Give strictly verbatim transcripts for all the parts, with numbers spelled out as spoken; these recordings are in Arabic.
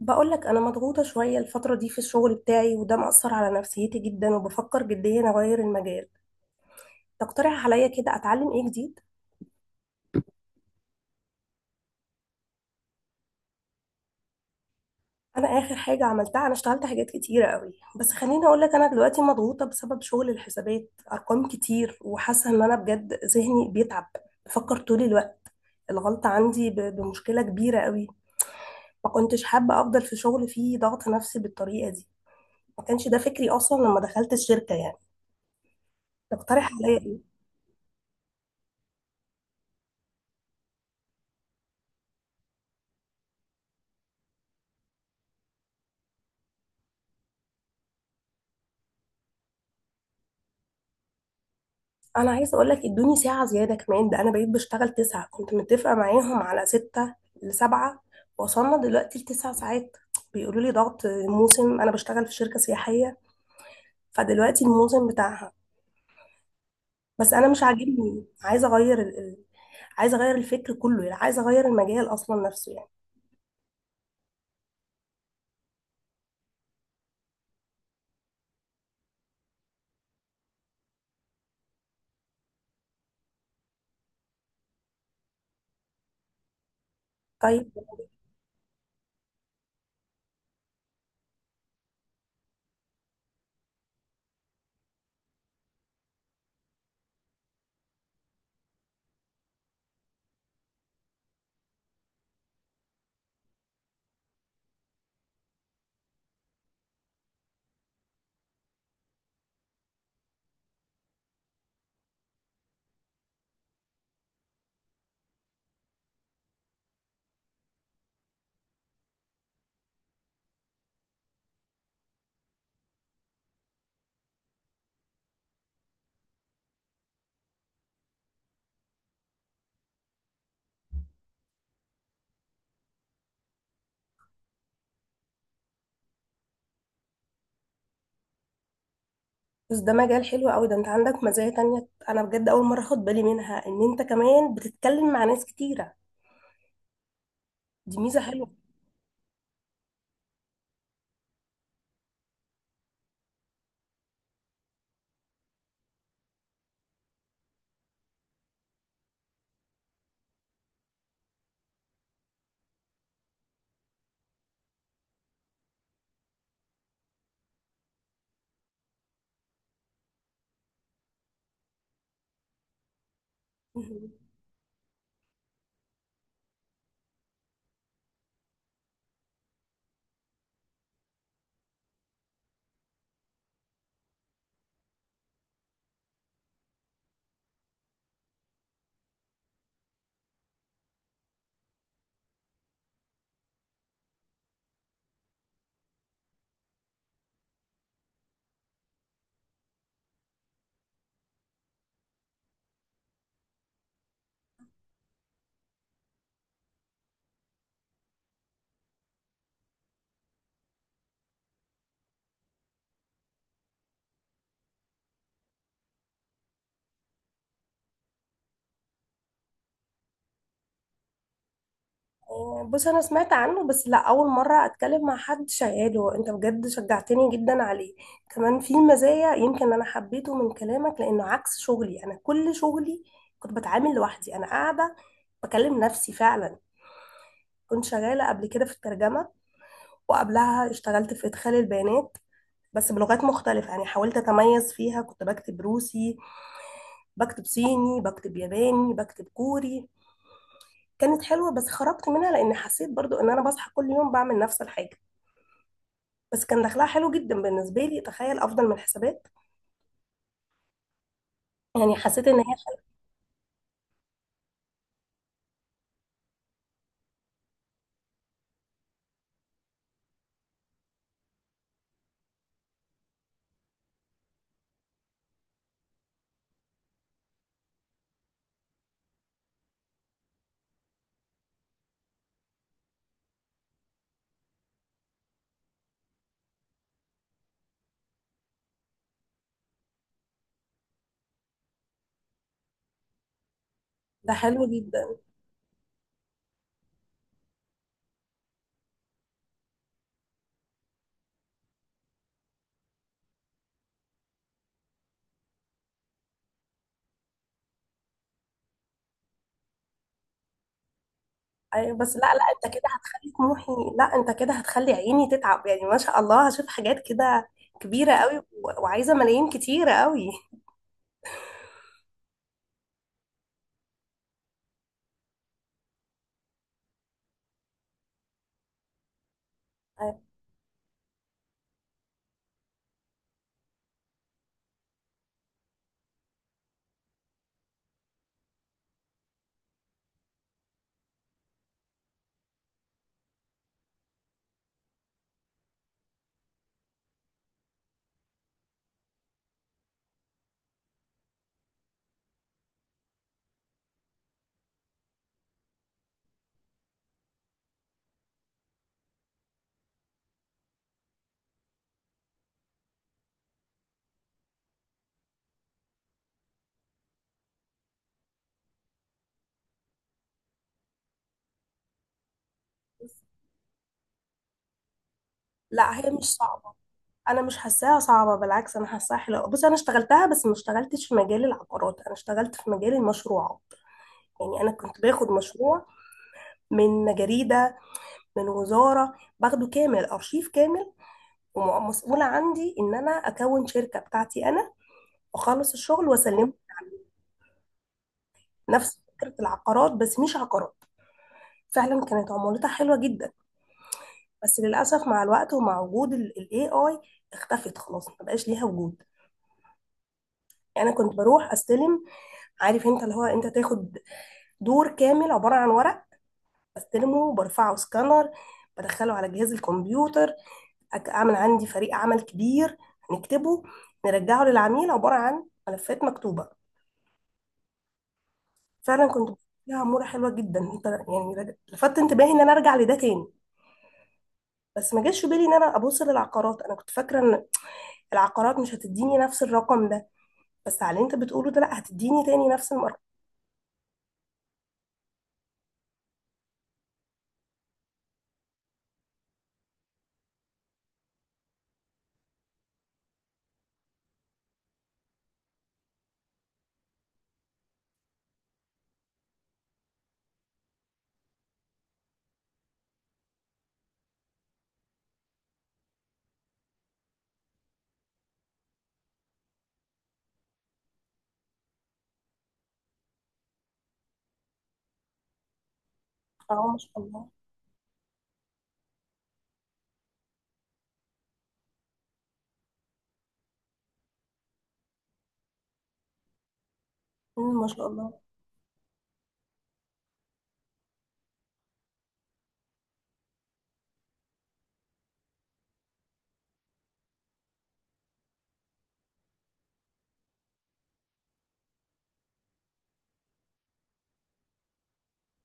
بقولك انا مضغوطه شويه الفتره دي في الشغل بتاعي، وده مأثر على نفسيتي جدا، وبفكر جديا اغير المجال. تقترح عليا كده اتعلم ايه جديد؟ انا اخر حاجه عملتها، انا اشتغلت حاجات كتيره قوي. بس خليني اقولك، انا دلوقتي مضغوطه بسبب شغل الحسابات، ارقام كتير، وحاسه ان انا بجد ذهني بيتعب. بفكر طول الوقت. الغلطه عندي ب- بمشكله كبيره قوي. ما كنتش حابه افضل في شغل فيه ضغط نفسي بالطريقه دي. ما كانش ده فكري اصلا لما دخلت الشركه يعني. تقترح عليا ايه؟ انا عايزه اقول لك، ادوني ساعه زياده كمان. ده انا بقيت بشتغل تسعة، كنت متفقه معاهم على ستة لسبعة. وصلنا دلوقتي لتسع ساعات. بيقولوا لي ضغط موسم. انا بشتغل في شركه سياحيه، فدلوقتي الموسم بتاعها. بس انا مش عاجبني، عايزه اغير ال... ال- عايزه اغير الفكر كله. يعني عايزه اغير المجال اصلا نفسه يعني. طيب، بس ده مجال حلو قوي. ده انت عندك مزايا تانية، انا بجد اول مره اخد بالي منها ان انت كمان بتتكلم مع ناس كتيره. دي ميزه حلوه. بص، انا سمعت عنه، بس لا، اول مره اتكلم مع حد شغاله. انت بجد شجعتني جدا عليه. كمان في مزايا، يمكن انا حبيته من كلامك لانه عكس شغلي. انا كل شغلي كنت بتعامل لوحدي، انا قاعده بكلم نفسي فعلا. كنت شغاله قبل كده في الترجمه، وقبلها اشتغلت في ادخال البيانات. بس بلغات مختلفة يعني، حاولت أتميز فيها. كنت بكتب روسي، بكتب صيني، بكتب ياباني، بكتب كوري. كانت حلوة، بس خرجت منها لأن حسيت برضو إن أنا بصحى كل يوم بعمل نفس الحاجة. بس كان دخلها حلو جدا بالنسبة لي، تخيل، أفضل من الحسابات. يعني حسيت إن هي حلو. ده حلو جدا. أيوة، بس لا لا، أنت كده هتخلي طموحي. لا، أنت كده هتخلي عيني تتعب. يعني ما شاء الله، هشوف حاجات كده كبيرة قوي، و- وعايزة ملايين كتيرة قوي. أيوة. لا، هي مش صعبة. أنا مش حاساها صعبة، بالعكس أنا حاساها حلوة. بص، أنا اشتغلتها، بس ما اشتغلتش في مجال العقارات، أنا اشتغلت في مجال المشروعات. يعني أنا كنت باخد مشروع من جريدة، من وزارة، باخده كامل، أرشيف كامل. ومسؤولة عندي إن أنا أكون شركة بتاعتي أنا، وأخلص الشغل وأسلمه. نفس فكرة العقارات، بس مش عقارات. فعلا كانت عمولتها حلوة جدا. بس للأسف، مع الوقت ومع وجود ال إيه آي اختفت خلاص، ما بقاش ليها وجود. يعني أنا كنت بروح أستلم، عارف أنت، اللي هو أنت تاخد دور كامل عبارة عن ورق، بستلمه، برفعه سكانر، بدخله على جهاز الكمبيوتر. أك- أعمل عندي فريق عمل كبير، نكتبه، نرجعه للعميل عبارة عن ملفات مكتوبة. فعلا كنت بشوف لها عموره حلوه جدا. انت يعني رج- لفت انتباهي ان انا ارجع لده تاني. بس ما جاش في بالي ان انا ابص للعقارات. انا كنت فاكره ان العقارات مش هتديني نفس الرقم ده، بس على اللي انت بتقوله ده، لا، هتديني تاني نفس الرقم. اه ما شاء الله. مم، ما شاء الله.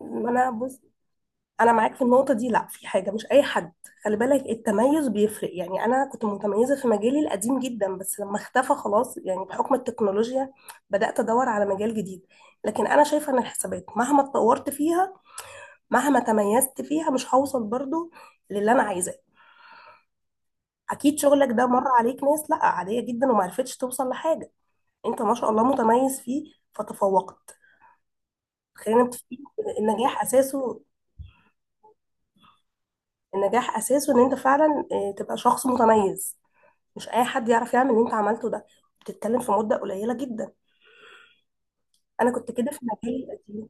ما انا بص، انا معاك في النقطه دي. لا، في حاجه مش اي حد. خلي بالك، التميز بيفرق. يعني انا كنت متميزه في مجالي القديم جدا، بس لما اختفى خلاص يعني بحكم التكنولوجيا، بدات ادور على مجال جديد. لكن انا شايفه ان الحسابات مهما اتطورت فيها، مهما تميزت فيها، مش هوصل برضو للي انا عايزاه. اكيد شغلك ده مر عليك ناس لا عاديه جدا وما عرفتش توصل لحاجه. انت ما شاء الله متميز فيه فتفوقت. خلينا متفقين إن النجاح اساسه، النجاح اساسه ان انت فعلا آه، تبقى شخص متميز. مش اي حد يعرف يعمل اللي انت عملته ده بتتكلم في مده قليله جدا. انا كنت كده في مجالي القديم.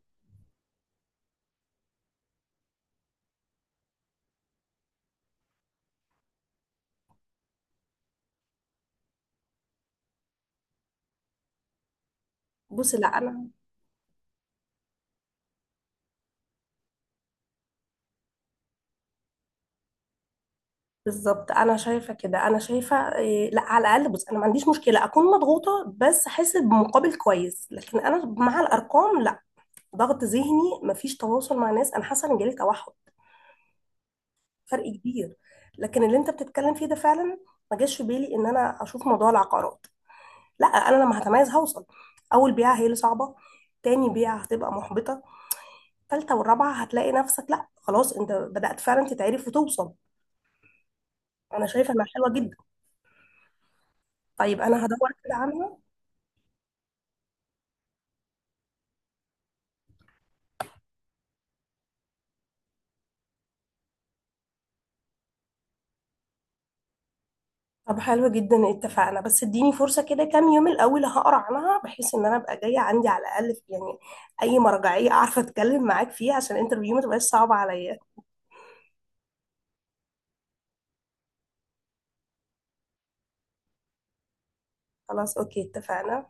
بصي لا انا، بالظبط. انا شايفه كده انا شايفه إيه، لا، على الاقل بص، انا ما عنديش مشكله اكون مضغوطه بس احس بمقابل كويس، لكن انا مع الارقام لا. ضغط ذهني، ما فيش تواصل مع ناس، انا حاسه ان جالي توحد. فرق كبير. لكن اللي انت بتتكلم فيه ده فعلا، ما جاش في بالي ان انا اشوف موضوع العقارات. لا، انا لما هتميز هوصل. اول بيعه هي اللي صعبه، تاني بيعه هتبقى محبطه، تالتة والرابعه هتلاقي نفسك، لا خلاص انت بدأت فعلا تتعرف وتوصل. انا شايفه انها حلوه جدا. طيب انا هدور كده عنها. طب حلو جدا، اتفقنا. بس اديني فرصة كده كام يوم الأول، هقرا عنها بحيث ان انا ابقى جاية عندي على الأقل يعني اي مرجعية اعرف اتكلم معاك فيها، عشان الانترفيو ما تبقاش صعبة عليا. خلاص اوكي اتفقنا.